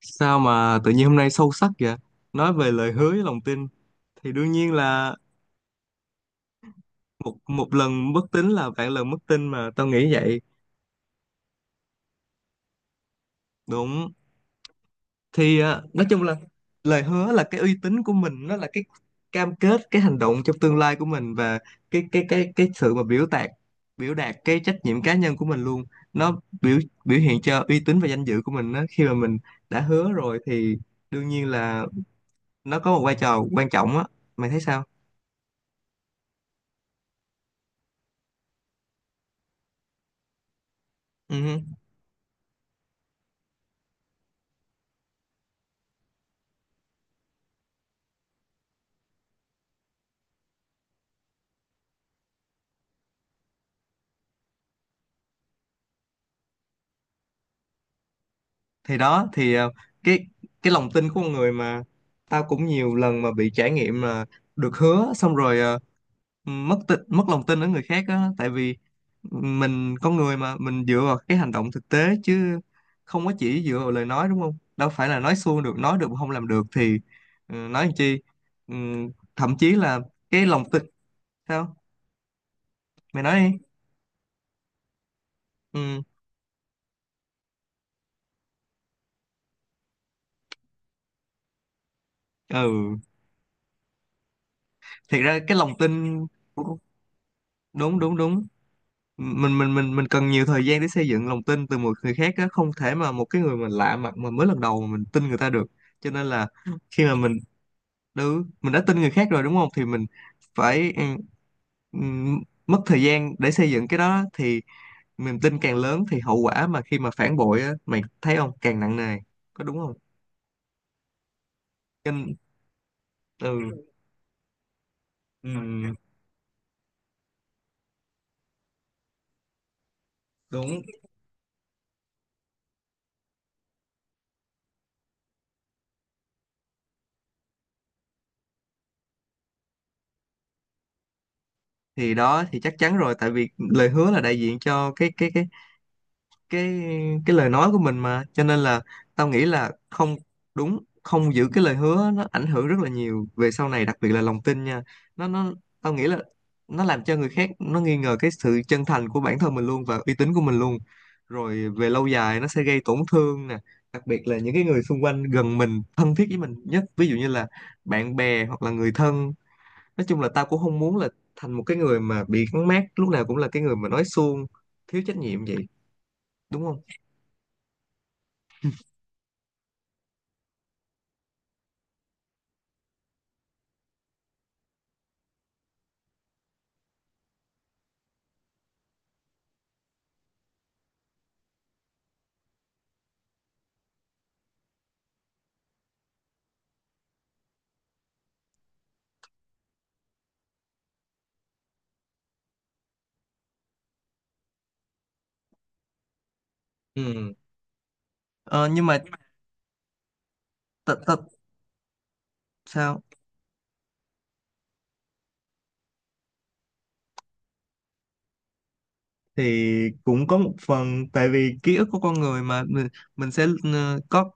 Sao mà tự nhiên hôm nay sâu sắc vậy? Nói về lời hứa với lòng tin thì đương nhiên là một một lần bất tín là vạn lần mất tin mà tao nghĩ vậy. Đúng. Thì nói chung là lời hứa là cái uy tín của mình, nó là cái cam kết, cái hành động trong tương lai của mình và cái sự mà biểu đạt cái trách nhiệm cá nhân của mình luôn. Nó biểu biểu hiện cho uy tín và danh dự của mình đó. Khi mà mình đã hứa rồi thì đương nhiên là nó có một vai trò quan trọng á. Mày thấy sao? Ừ. Thì đó thì cái cái lòng tin của con người mà tao cũng nhiều lần mà bị trải nghiệm là được hứa xong rồi, mất lòng tin ở người khác á, tại vì mình con người mà mình dựa vào cái hành động thực tế chứ không có chỉ dựa vào lời nói, đúng không? Đâu phải là nói suông, được nói được mà không làm được thì, nói làm chi. Ừ, thậm chí là cái lòng tin. Sao? Mày nói đi. Ừ. Ừ. Thiệt ra cái lòng tin. Đúng, đúng, đúng. Mình cần nhiều thời gian để xây dựng lòng tin từ một người khác á, không thể mà một cái người mình lạ mặt mà mới lần đầu mà mình tin người ta được. Cho nên là khi mà mình mình đã tin người khác rồi, đúng không? Thì mình phải, mất thời gian để xây dựng cái đó, thì niềm tin càng lớn thì hậu quả mà khi mà phản bội á, mày thấy không, càng nặng nề, có đúng không? Cho nên- ừ. ừm, Đúng. Thì đó thì chắc chắn rồi, tại vì lời hứa là đại diện cho cái cái lời nói của mình mà, cho nên là tao nghĩ là không đúng không giữ cái lời hứa nó ảnh hưởng rất là nhiều về sau này, đặc biệt là lòng tin nha. Nó Tao nghĩ là nó làm cho người khác nó nghi ngờ cái sự chân thành của bản thân mình luôn và uy tín của mình luôn, rồi về lâu dài nó sẽ gây tổn thương nè, đặc biệt là những cái người xung quanh gần mình thân thiết với mình nhất, ví dụ như là bạn bè hoặc là người thân. Nói chung là tao cũng không muốn là thành một cái người mà bị gắn mác lúc nào cũng là cái người mà nói suông, thiếu trách nhiệm vậy, đúng không? Ừ. Ờ, nhưng mà thật thật. Sao? Thì cũng có một phần tại vì ký ức của con người mà mình sẽ, có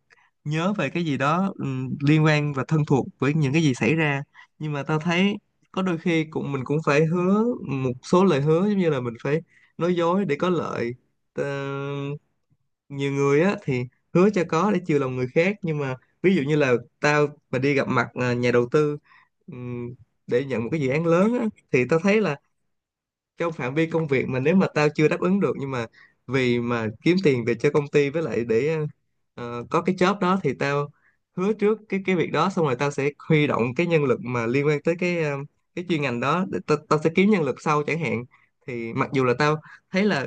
nhớ về cái gì đó, liên quan và thân thuộc với những cái gì xảy ra. Nhưng mà tao thấy có đôi khi cũng mình cũng phải hứa một số lời hứa, giống như là mình phải nói dối để có lợi. Ờ, nhiều người á thì hứa cho có để chiều lòng người khác, nhưng mà ví dụ như là tao mà đi gặp mặt, nhà đầu tư, ừ, để nhận một cái dự án lớn á, thì tao thấy là trong phạm vi công việc mà nếu mà tao chưa đáp ứng được, nhưng mà vì mà kiếm tiền về cho công ty, với lại để, có cái job đó, thì tao hứa trước cái việc đó xong rồi tao sẽ huy động cái nhân lực mà liên quan tới cái chuyên ngành đó, để tao sẽ kiếm nhân lực sau chẳng hạn. Thì mặc dù là tao thấy là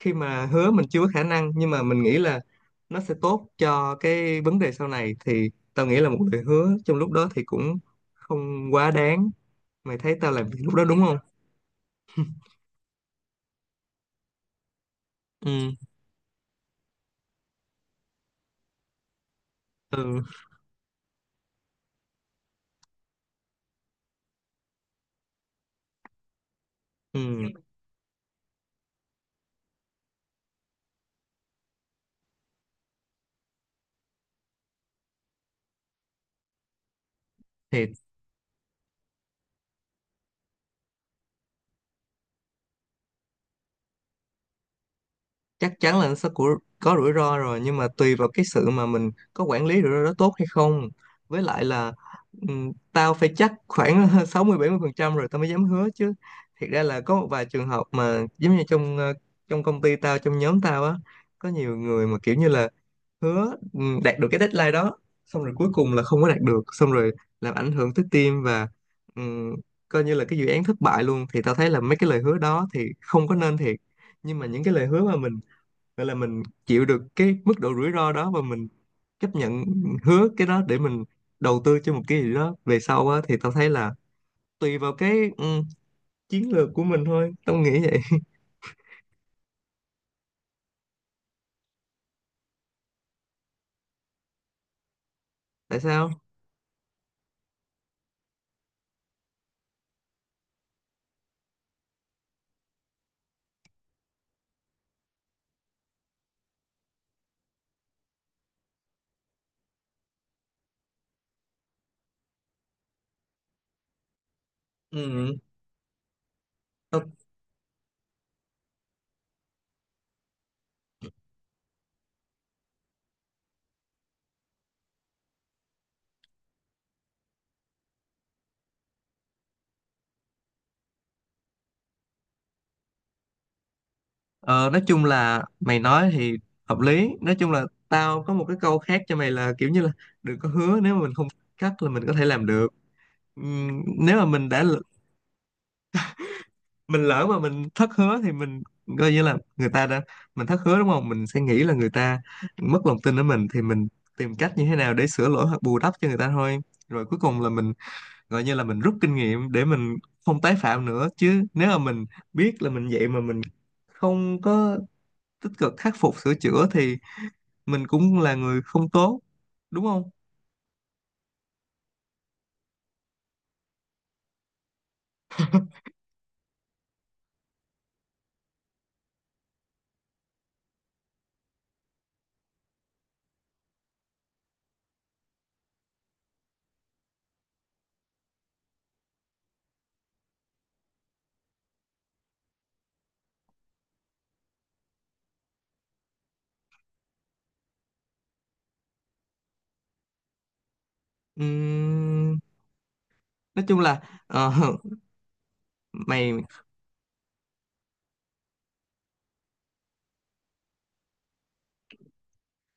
khi mà hứa mình chưa có khả năng, nhưng mà mình nghĩ là nó sẽ tốt cho cái vấn đề sau này, thì tao nghĩ là một lời hứa trong lúc đó thì cũng không quá đáng. Mày thấy tao làm việc lúc đó đúng không? Ừ. Ừ. Ừ. Thì chắc chắn là nó sẽ có rủi ro rồi, nhưng mà tùy vào cái sự mà mình có quản lý rủi ro đó tốt hay không, với lại là, tao phải chắc khoảng 60 mươi 70% rồi tao mới dám hứa chứ. Thiệt ra là có một vài trường hợp mà giống như trong công ty tao, trong nhóm tao á, có nhiều người mà kiểu như là hứa, đạt được cái deadline đó, xong rồi cuối cùng là không có đạt được, xong rồi làm ảnh hưởng tới team và, ừm, coi như là cái dự án thất bại luôn, thì tao thấy là mấy cái lời hứa đó thì không có nên thiệt. Nhưng mà những cái lời hứa mà mình nên là mình chịu được cái mức độ rủi ro đó và mình chấp nhận hứa cái đó để mình đầu tư cho một cái gì đó về sau á, thì tao thấy là tùy vào cái, chiến lược của mình thôi, tao nghĩ vậy. Tại sao? Ừ. tao- ờ, nói chung là mày nói thì hợp lý. Nói chung là tao có một cái câu khác cho mày là kiểu như là đừng có hứa nếu mà mình không cắt là mình có thể làm được. Nếu mà mình lỡ mà mình thất hứa thì mình coi như là người ta đã mình thất hứa, đúng không, mình sẽ nghĩ là người ta mất lòng tin ở mình, thì mình tìm cách như thế nào để sửa lỗi hoặc bù đắp cho người ta thôi. Rồi cuối cùng là mình gọi như là mình rút kinh nghiệm để mình không tái phạm nữa. Chứ nếu mà mình biết là mình vậy mà mình không có tích cực khắc phục sửa chữa thì mình cũng là người không tốt, đúng không? Ừm, nói chung là, ờ, mày,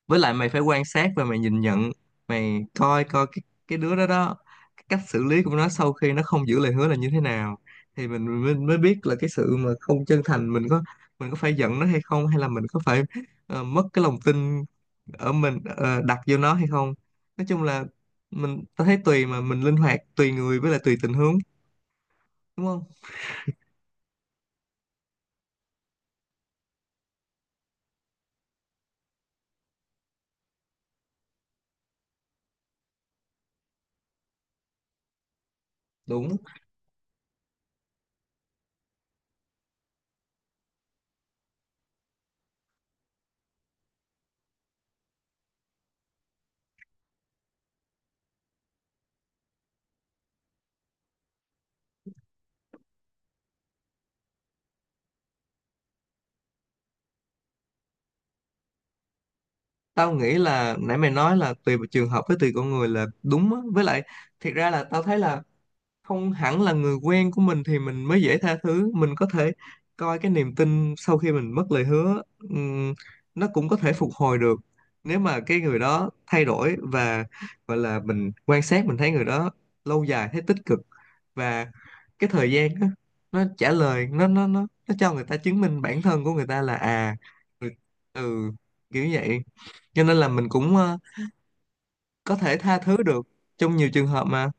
với lại mày phải quan sát và mày nhìn nhận. Mày coi coi cái đứa đó đó, cái cách xử lý của nó sau khi nó không giữ lời hứa là như thế nào, thì mình mới, mới biết là cái sự mà không chân thành. Mình có, mình có phải giận nó hay không, hay là mình có phải, mất cái lòng tin ở mình, đặt vô nó hay không? Nói chung là mình, tao thấy tùy mà mình linh hoạt tùy người với lại tùy tình huống, đúng không? Đúng. Tao nghĩ là nãy mày nói là tùy trường hợp với tùy con người là đúng á, với lại thiệt ra là tao thấy là không hẳn là người quen của mình thì mình mới dễ tha thứ. Mình có thể coi cái niềm tin sau khi mình mất lời hứa, ừm, nó cũng có thể phục hồi được nếu mà cái người đó thay đổi và gọi là mình quan sát mình thấy người đó lâu dài thấy tích cực. Và cái thời gian á, nó trả lời nó cho người ta chứng minh bản thân của người ta là à, người- Ừ. Kiểu vậy. Cho nên là mình cũng, có thể tha thứ được trong nhiều trường hợp mà.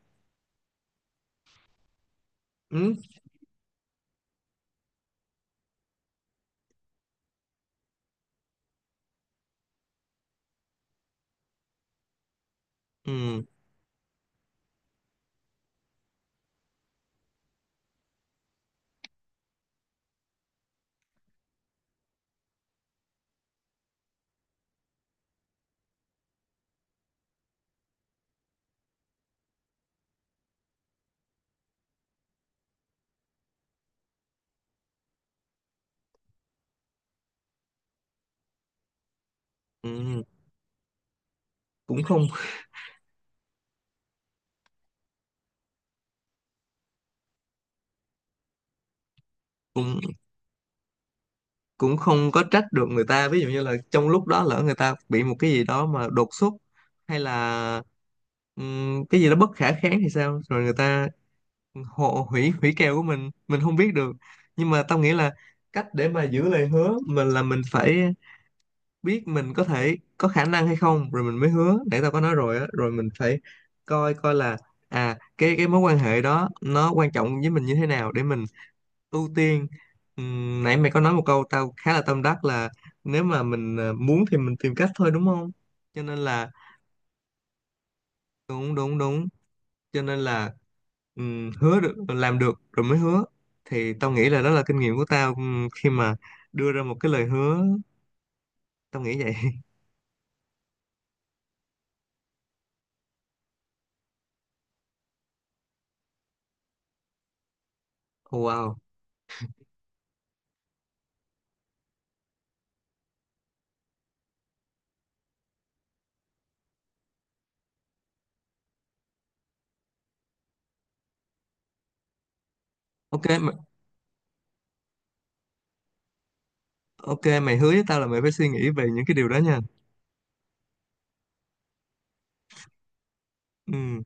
Ừ. Ừ. Ừ. cũng không cũng cũng không có trách được người ta, ví dụ như là trong lúc đó lỡ người ta bị một cái gì đó mà đột xuất, hay là, cái gì đó bất khả kháng thì sao, rồi người ta hộ hủy hủy kèo của mình không biết được. Nhưng mà tao nghĩ là cách để mà giữ lời hứa mình là mình phải biết mình có thể có khả năng hay không rồi mình mới hứa, để tao có nói rồi á. Rồi mình phải coi coi là à, cái mối quan hệ đó nó quan trọng với mình như thế nào để mình ưu tiên. Nãy mày có nói một câu tao khá là tâm đắc là nếu mà mình, muốn thì mình tìm cách thôi, đúng không? Cho nên là đúng, đúng, đúng. Cho nên là, hứa được làm được rồi mới hứa, thì tao nghĩ là đó là kinh nghiệm của tao, khi mà đưa ra một cái lời hứa. Tao nghĩ vậy. Wow. Ok mày. Ok, mày hứa với tao là mày phải suy nghĩ về những cái điều đó nha. Ừ.